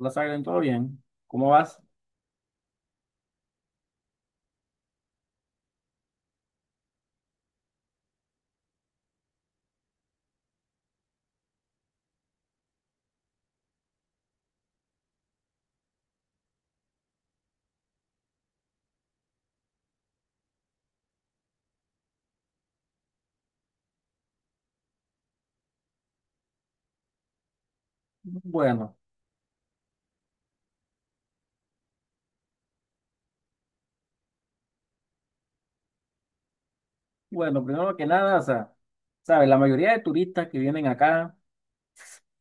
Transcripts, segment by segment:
La Sagren, ¿todo bien? ¿Cómo vas? Bueno, bueno, primero que nada, o sea, sabes, la mayoría de turistas que vienen acá,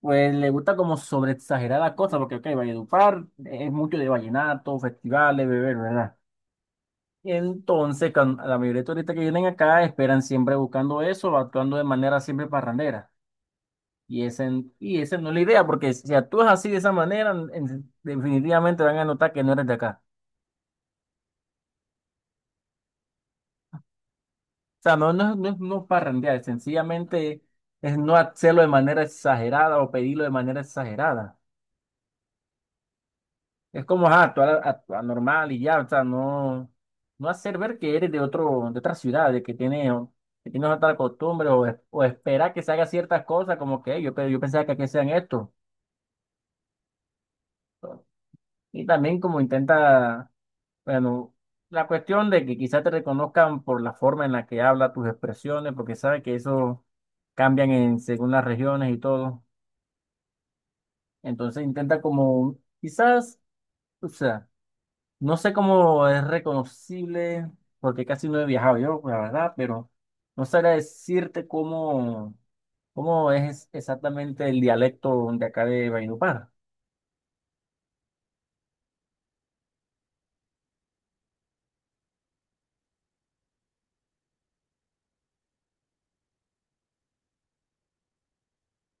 pues les gusta como sobre exagerar las cosas, porque, ok, Valledupar es mucho de vallenato, festivales, beber, ¿verdad? Y entonces, la mayoría de turistas que vienen acá esperan siempre buscando eso, actuando de manera siempre parrandera. Y esa y esa no es la idea, porque si actúas así de esa manera, definitivamente van a notar que no eres de acá. Sea, no, no, no es no parrandear, sencillamente es no hacerlo de manera exagerada o pedirlo de manera exagerada. Es como ajá, actuar, actuar normal y ya, o sea, no, no hacer ver que eres de otro, de otra ciudad, de que tienes otra costumbre o esperar que se haga ciertas cosas como que "Ey, yo, yo pensaba que aquí sean esto". Y también como intenta, bueno, la cuestión de que quizás te reconozcan por la forma en la que habla tus expresiones, porque sabe que eso cambian en según las regiones y todo. Entonces intenta como, quizás, o sea, no sé cómo es reconocible, porque casi no he viajado yo, la verdad, pero no sabría decirte cómo, cómo es exactamente el dialecto de acá de Valledupar,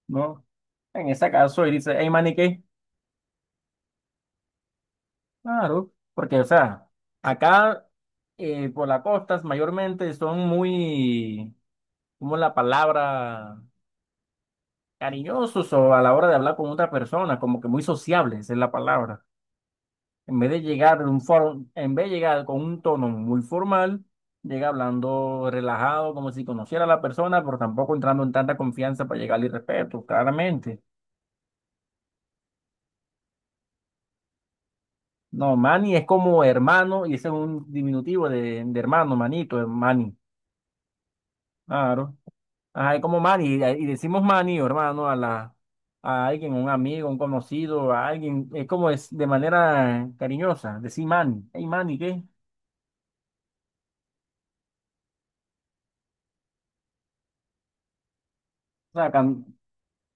¿no? En ese caso, él dice, hey, maniquí, claro, porque, o sea, acá por las costas mayormente son muy, como la palabra, cariñosos o a la hora de hablar con otra persona, como que muy sociables es la palabra. En vez de llegar de un en vez de llegar con un tono muy formal, llega hablando relajado, como si conociera a la persona, pero tampoco entrando en tanta confianza para llegar al respeto, claramente. No, Manny es como hermano, y ese es un diminutivo de hermano, manito, es Manny. Claro. Ajá, es como Manny, y decimos Manny o hermano a la, a alguien, un amigo, un conocido, a alguien, es como es de manera cariñosa, decir Manny, hey Manny, ¿qué? O sea,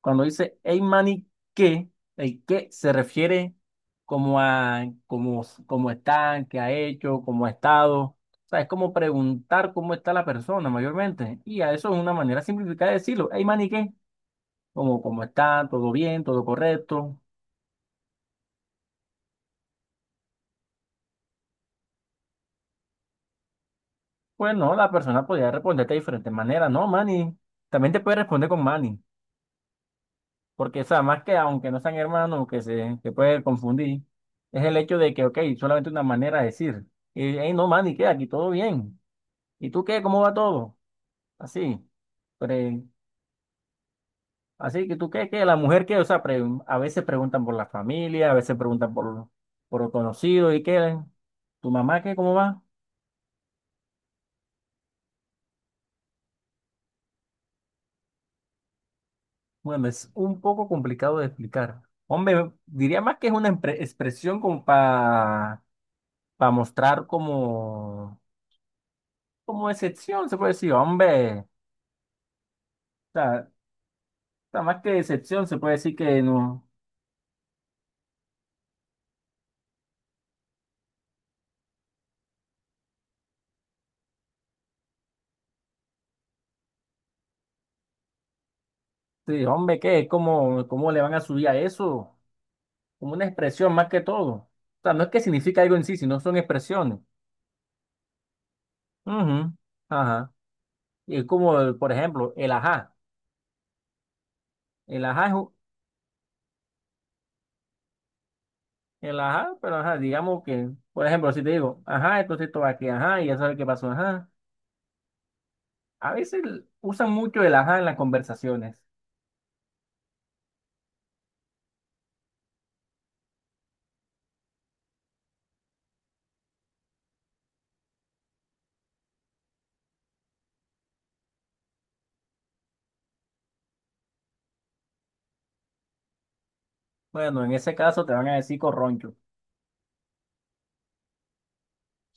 cuando dice hey mani, ¿qué? El qué se refiere como a cómo, cómo está, qué ha hecho, cómo ha estado. O sea, es como preguntar cómo está la persona mayormente. Y a eso es una manera simplificada de decirlo. Hey mani, ¿qué? Como cómo está, todo bien, todo correcto. Pues no, la persona podría responderte de diferentes maneras. No, mani, también te puede responder con mani. Porque, o sea, más que aunque no sean hermanos, que se, que puede confundir, es el hecho de que, ok, solamente una manera de decir, y, hey, no, man, ¿y qué? Aquí todo bien. ¿Y tú qué? ¿Cómo va todo? Así. Pre- así que tú qué, que la mujer que, o sea, a veces preguntan por la familia, a veces preguntan por los conocidos y qué, ¿tu mamá qué? ¿Cómo va? Bueno, es un poco complicado de explicar. Hombre, diría más que es una expresión como para mostrar como... como decepción, se puede decir, hombre. O sea, está más que decepción, se puede decir que no. Sí, hombre, ¿qué? ¿Cómo, cómo le van a subir a eso? Como una expresión más que todo. O sea, no es que significa algo en sí, sino son expresiones. Ujú, ajá. Y es como, por ejemplo, el ajá. El ajá es un- el ajá, pero ajá, digamos que, por ejemplo, si te digo, ajá, entonces esto va aquí, ajá, y ya sabes qué pasó, ajá. A veces usan mucho el ajá en las conversaciones. Bueno, en ese caso te van a decir corroncho.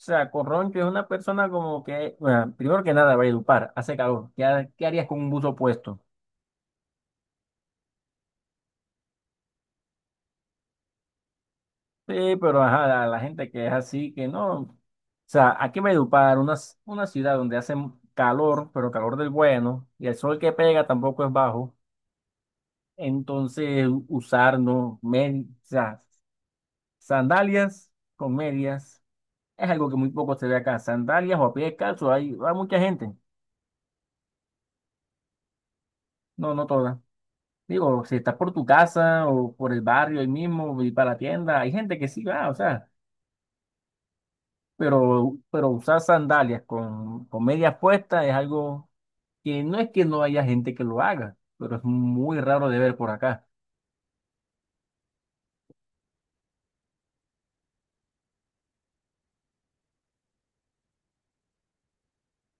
O sea, Corroncho es una persona como que, bueno, primero que nada, Valledupar, hace calor. ¿Qué, qué harías con un buzo puesto? Sí, pero ajá, la gente que es así, que no. O sea, aquí en Valledupar, una, una ciudad donde hace calor, pero calor del bueno, y el sol que pega tampoco es bajo. Entonces, usar, no, o sea, sandalias con medias es algo que muy poco se ve acá. Sandalias o a pie descalzo, hay mucha gente. No, no todas. Digo, si estás por tu casa o por el barrio ahí mismo y para la tienda, hay gente que sí va, o sea, pero usar sandalias con medias puestas es algo que no es que no haya gente que lo haga, pero es muy raro de ver por acá.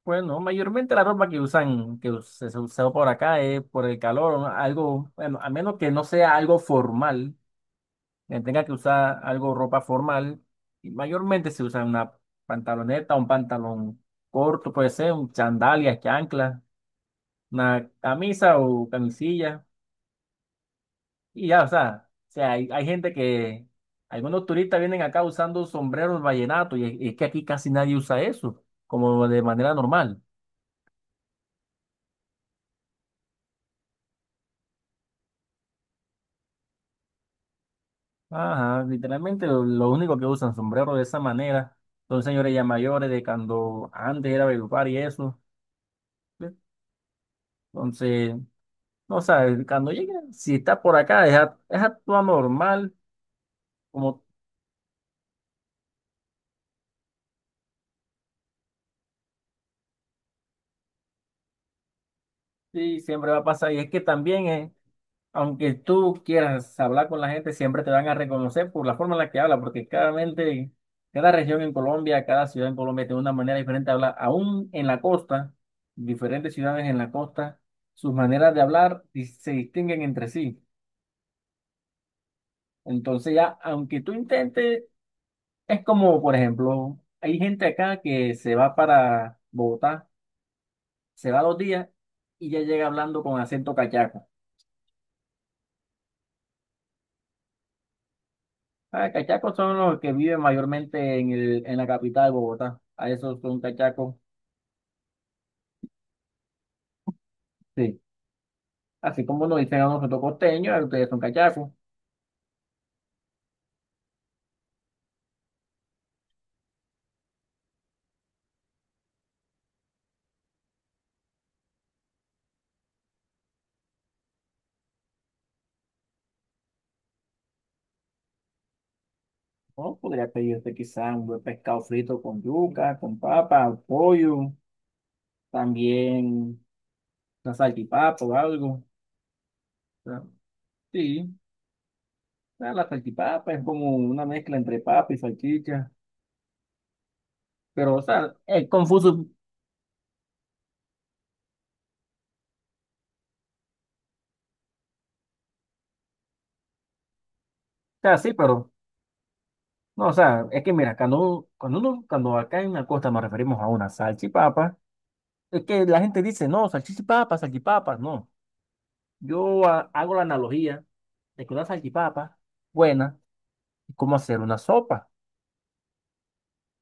Bueno, mayormente la ropa que usan, que se usa por acá es por el calor, ¿no? Algo, bueno, a menos que no sea algo formal, que tenga que usar algo ropa formal, y mayormente se usa una pantaloneta, un pantalón corto, puede ser, un sandalias que ancla una camisa o camisilla y ya, o sea, hay gente que, algunos turistas vienen acá usando sombreros vallenatos y es que aquí casi nadie usa eso, como de manera normal. Ajá, literalmente lo único que usan sombreros de esa manera son señores ya mayores de cuando antes era Valledupar y eso. Entonces, no sabes, cuando llegue, si está por acá, es, es actúa normal, como sí, siempre va a pasar. Y es que también es aunque tú quieras hablar con la gente, siempre te van a reconocer por la forma en la que habla, porque claramente cada región en Colombia, cada ciudad en Colombia tiene una manera diferente de hablar. Aún en la costa, diferentes ciudades en la costa, sus maneras de hablar se distinguen entre sí. Entonces ya, aunque tú intentes, es como, por ejemplo, hay gente acá que se va para Bogotá, se va dos días y ya llega hablando con acento cachaco. Ah, cachacos son los que viven mayormente en el, en la capital de Bogotá. A esos son cachacos. Sí. Así como nos dicen a nosotros costeños, a ustedes son cachacos. ¿No? Podría pedirte quizás un buen pescado frito con yuca, con papa, pollo, también una salchipapa o algo. O sea, sí, o sea, la salchipapa es como una mezcla entre papa y salchicha. Pero, o sea, es confuso. O sea, sí, pero. No, o sea, es que mira, cuando, cuando uno, cuando acá en la costa nos referimos a una salchipapa. Es que la gente dice, no, salchichipapas, salchipapas, no. Yo hago la analogía de que una salchipapa buena es como hacer una sopa.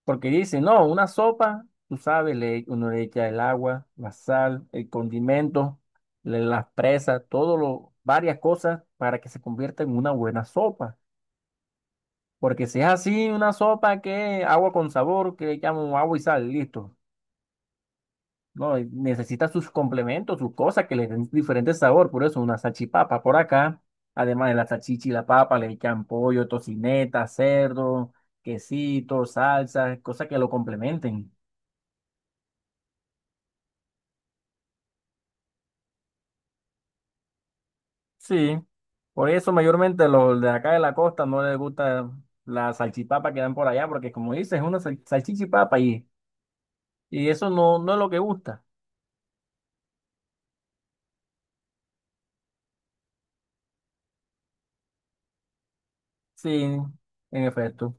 Porque dice, no, una sopa, tú sabes, le, uno le echa el agua, la sal, el condimento, las presas, todo lo, varias cosas para que se convierta en una buena sopa. Porque si es así, una sopa que agua con sabor, que le llaman agua y sal, listo. No, y necesita sus complementos, sus cosas que le den diferente sabor, por eso una salchipapa por acá, además de la salchicha y la papa, le echan pollo, tocineta, cerdo, quesito, salsa, cosas que lo complementen. Sí, por eso mayormente los de acá de la costa no les gusta la salchipapa que dan por allá, porque como dices, es una salchicha y papa y eso no, no es lo que gusta. Sí, en efecto.